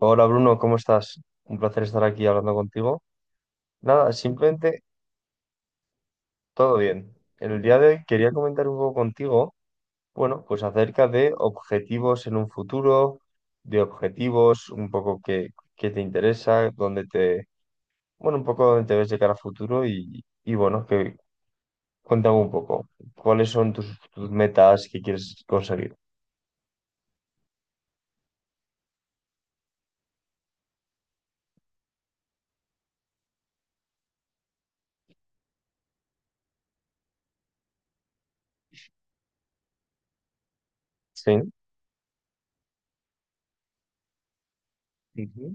Hola Bruno, ¿cómo estás? Un placer estar aquí hablando contigo. Nada, simplemente todo bien. El día de hoy quería comentar un poco contigo, bueno, pues acerca de objetivos en un futuro, de objetivos, un poco que, te interesa, dónde te, bueno, un poco dónde te ves de cara a futuro y bueno, que cuéntame un poco, ¿cuáles son tus metas que quieres conseguir? Sí. Ujú.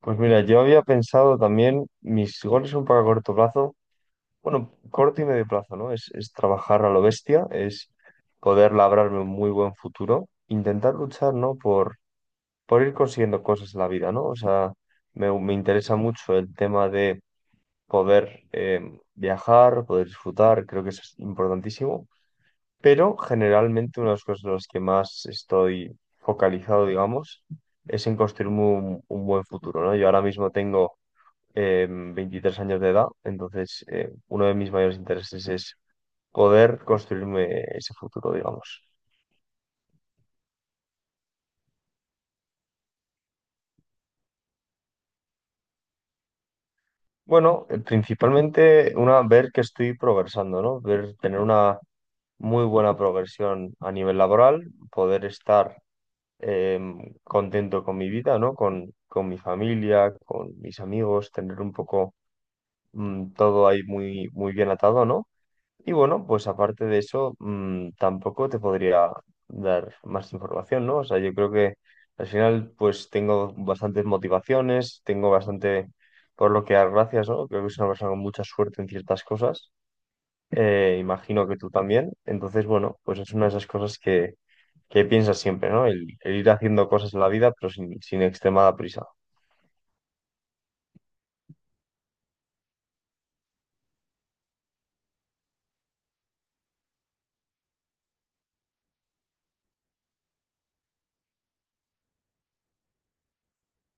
Pues mira, yo había pensado también, mis goles son para corto plazo, bueno, corto y medio plazo, ¿no? Es trabajar a lo bestia, es poder labrarme un muy buen futuro, intentar luchar, ¿no? Por ir consiguiendo cosas en la vida, ¿no? O sea, me interesa mucho el tema de poder viajar, poder disfrutar, creo que eso es importantísimo, pero generalmente una de las cosas en las que más estoy focalizado, digamos, es en construir un buen futuro, ¿no? Yo ahora mismo tengo 23 años de edad, entonces uno de mis mayores intereses es poder construirme ese futuro, digamos. Bueno, principalmente una, ver que estoy progresando, ¿no? Ver, tener una muy buena progresión a nivel laboral, poder estar contento con mi vida, ¿no? Con mi familia, con mis amigos, tener un poco todo ahí muy, muy bien atado, ¿no? Y bueno, pues aparte de eso, tampoco te podría dar más información, ¿no? O sea, yo creo que al final, pues tengo bastantes motivaciones, tengo bastante por lo que dar gracias, ¿no? Creo que soy una persona con mucha suerte en ciertas cosas. Imagino que tú también. Entonces, bueno, pues es una de esas cosas que piensas siempre, ¿no? El ir haciendo cosas en la vida, pero sin extremada prisa.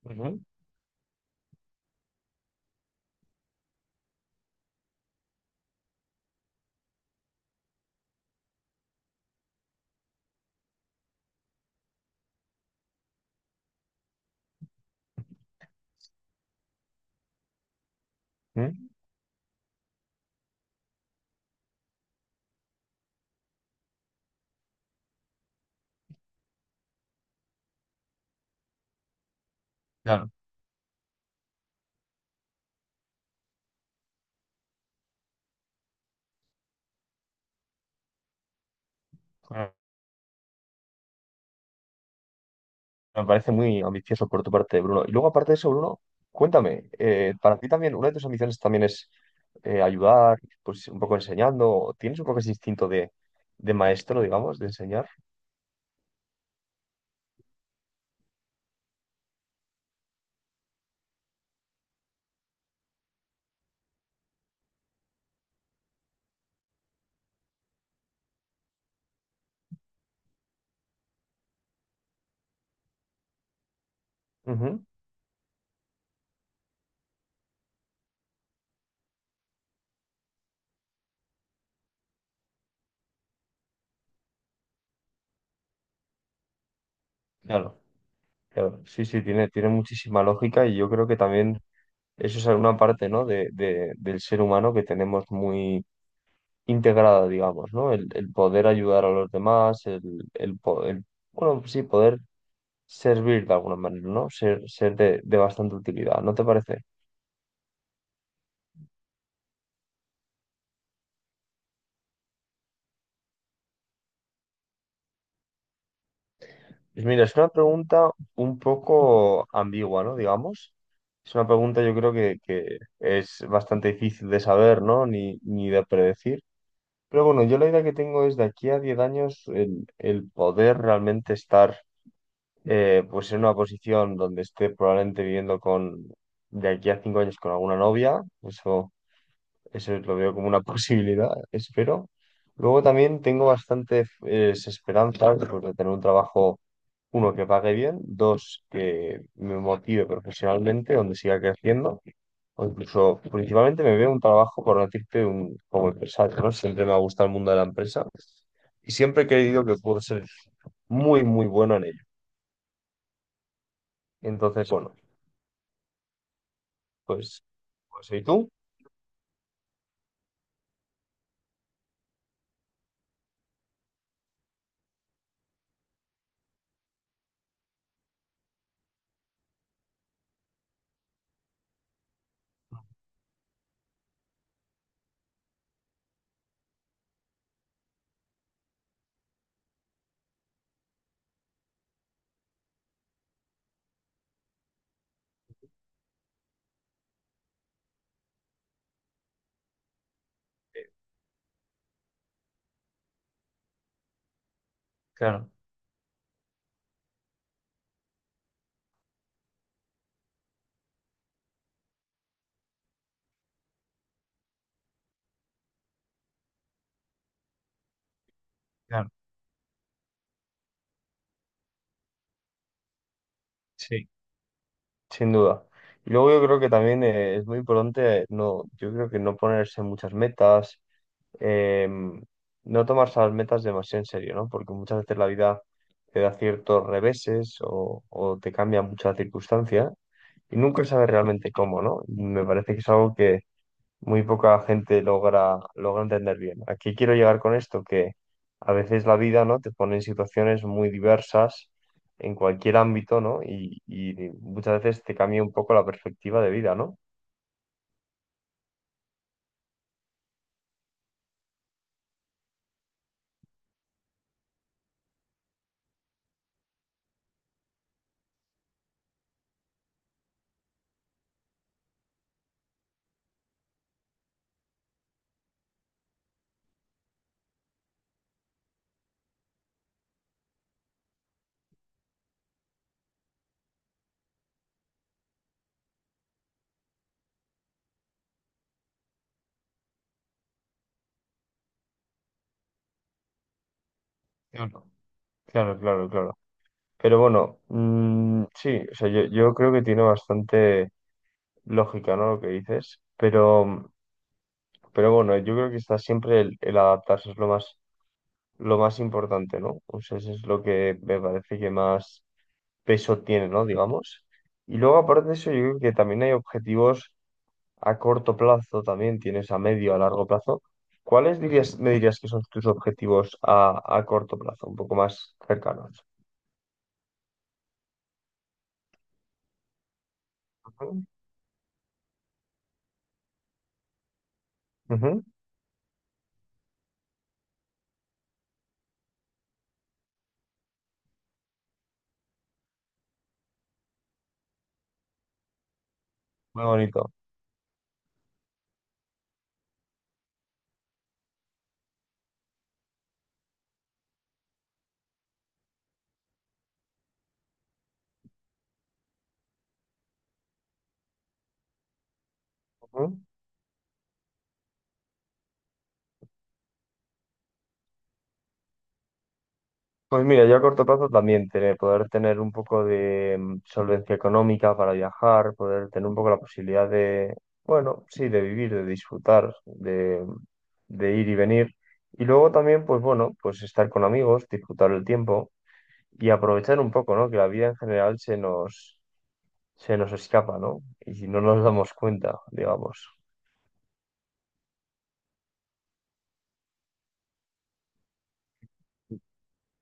Ujú. ¿Mm? Claro. Me parece muy ambicioso por tu parte, Bruno. Y luego, aparte de eso, Bruno, cuéntame, para ti también, una de tus ambiciones también es ayudar, pues un poco enseñando. ¿Tienes un poco ese instinto de maestro, digamos, de enseñar? Ujú. Claro, claro. Sí, sí, tiene muchísima lógica y yo creo que también eso es una parte, ¿no? Del ser humano que tenemos muy integrada, digamos, ¿no? El poder ayudar a los demás, bueno, sí, poder servir de alguna manera, ¿no? Ser de bastante utilidad, ¿no te parece? Pues mira, es una pregunta un poco ambigua, ¿no? Digamos. Es una pregunta yo creo que es bastante difícil de saber, ¿no? Ni de predecir. Pero bueno, yo la idea que tengo es de aquí a 10 años el poder realmente estar pues en una posición donde esté probablemente viviendo con, de aquí a 5 años con alguna novia. Eso lo veo como una posibilidad, espero. Luego también tengo bastantes esperanzas pues, de tener un trabajo, uno, que pague bien, dos, que me motive profesionalmente, donde siga creciendo, o incluso principalmente me veo un trabajo, por no decirte, un, como empresario, ¿no? Siempre me ha gustado el mundo de la empresa y siempre he creído que puedo ser muy, muy bueno en ello. Entonces, bueno, pues, pues ¿y tú? Claro, claro. Sí. Sin duda. Y luego yo creo que también es muy importante no, yo creo que no ponerse muchas metas, em, no tomarse las metas demasiado en serio, ¿no? Porque muchas veces la vida te da ciertos reveses o te cambia mucho la circunstancia y nunca sabes realmente cómo, ¿no? Y me parece que es algo que muy poca gente logra entender bien. ¿A qué quiero llegar con esto? Que a veces la vida, ¿no? te pone en situaciones muy diversas en cualquier ámbito, ¿no? Y muchas veces te cambia un poco la perspectiva de vida, ¿no? Claro. Claro, claro, claro. Pero bueno, mm, sí, o sea, yo creo que tiene bastante lógica, ¿no? Lo que dices, pero bueno, yo creo que está siempre el adaptarse es lo más, importante, ¿no? O sea, eso es lo que me parece que más peso tiene, ¿no? Digamos. Y luego, aparte de eso, yo creo que también hay objetivos a corto plazo, también tienes a medio, a largo plazo. ¿Cuáles me dirías que son tus objetivos a corto plazo, un poco más cercanos? Ujú, ujú. Muy bonito. Pues mira, yo a corto plazo también poder tener un poco de solvencia económica para viajar, poder tener un poco la posibilidad de, bueno, sí, de vivir, de disfrutar, de ir y venir. Y luego también, pues bueno, pues estar con amigos, disfrutar el tiempo y aprovechar un poco, ¿no? Que la vida en general se nos escapa, ¿no? Y si no nos damos cuenta, digamos.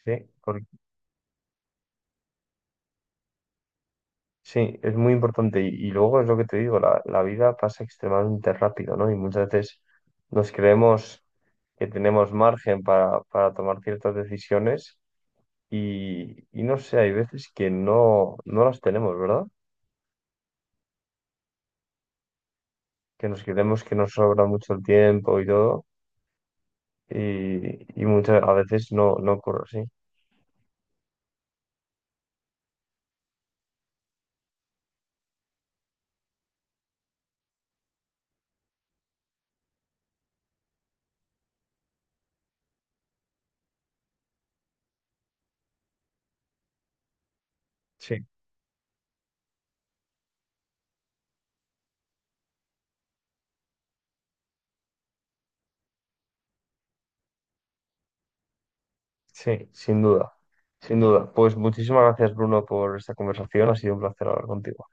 Sí, porque Sí, es muy importante. Y luego es lo que te digo, la vida pasa extremadamente rápido, ¿no? Y muchas veces nos creemos que tenemos margen para tomar ciertas decisiones y no sé, hay veces que no las tenemos, ¿verdad? Que nos creemos que nos sobra mucho el tiempo y todo y muchas a veces no ocurre así. Sí, sí, sin duda, sin duda. Pues muchísimas gracias, Bruno, por esta conversación. Ha sido un placer hablar contigo.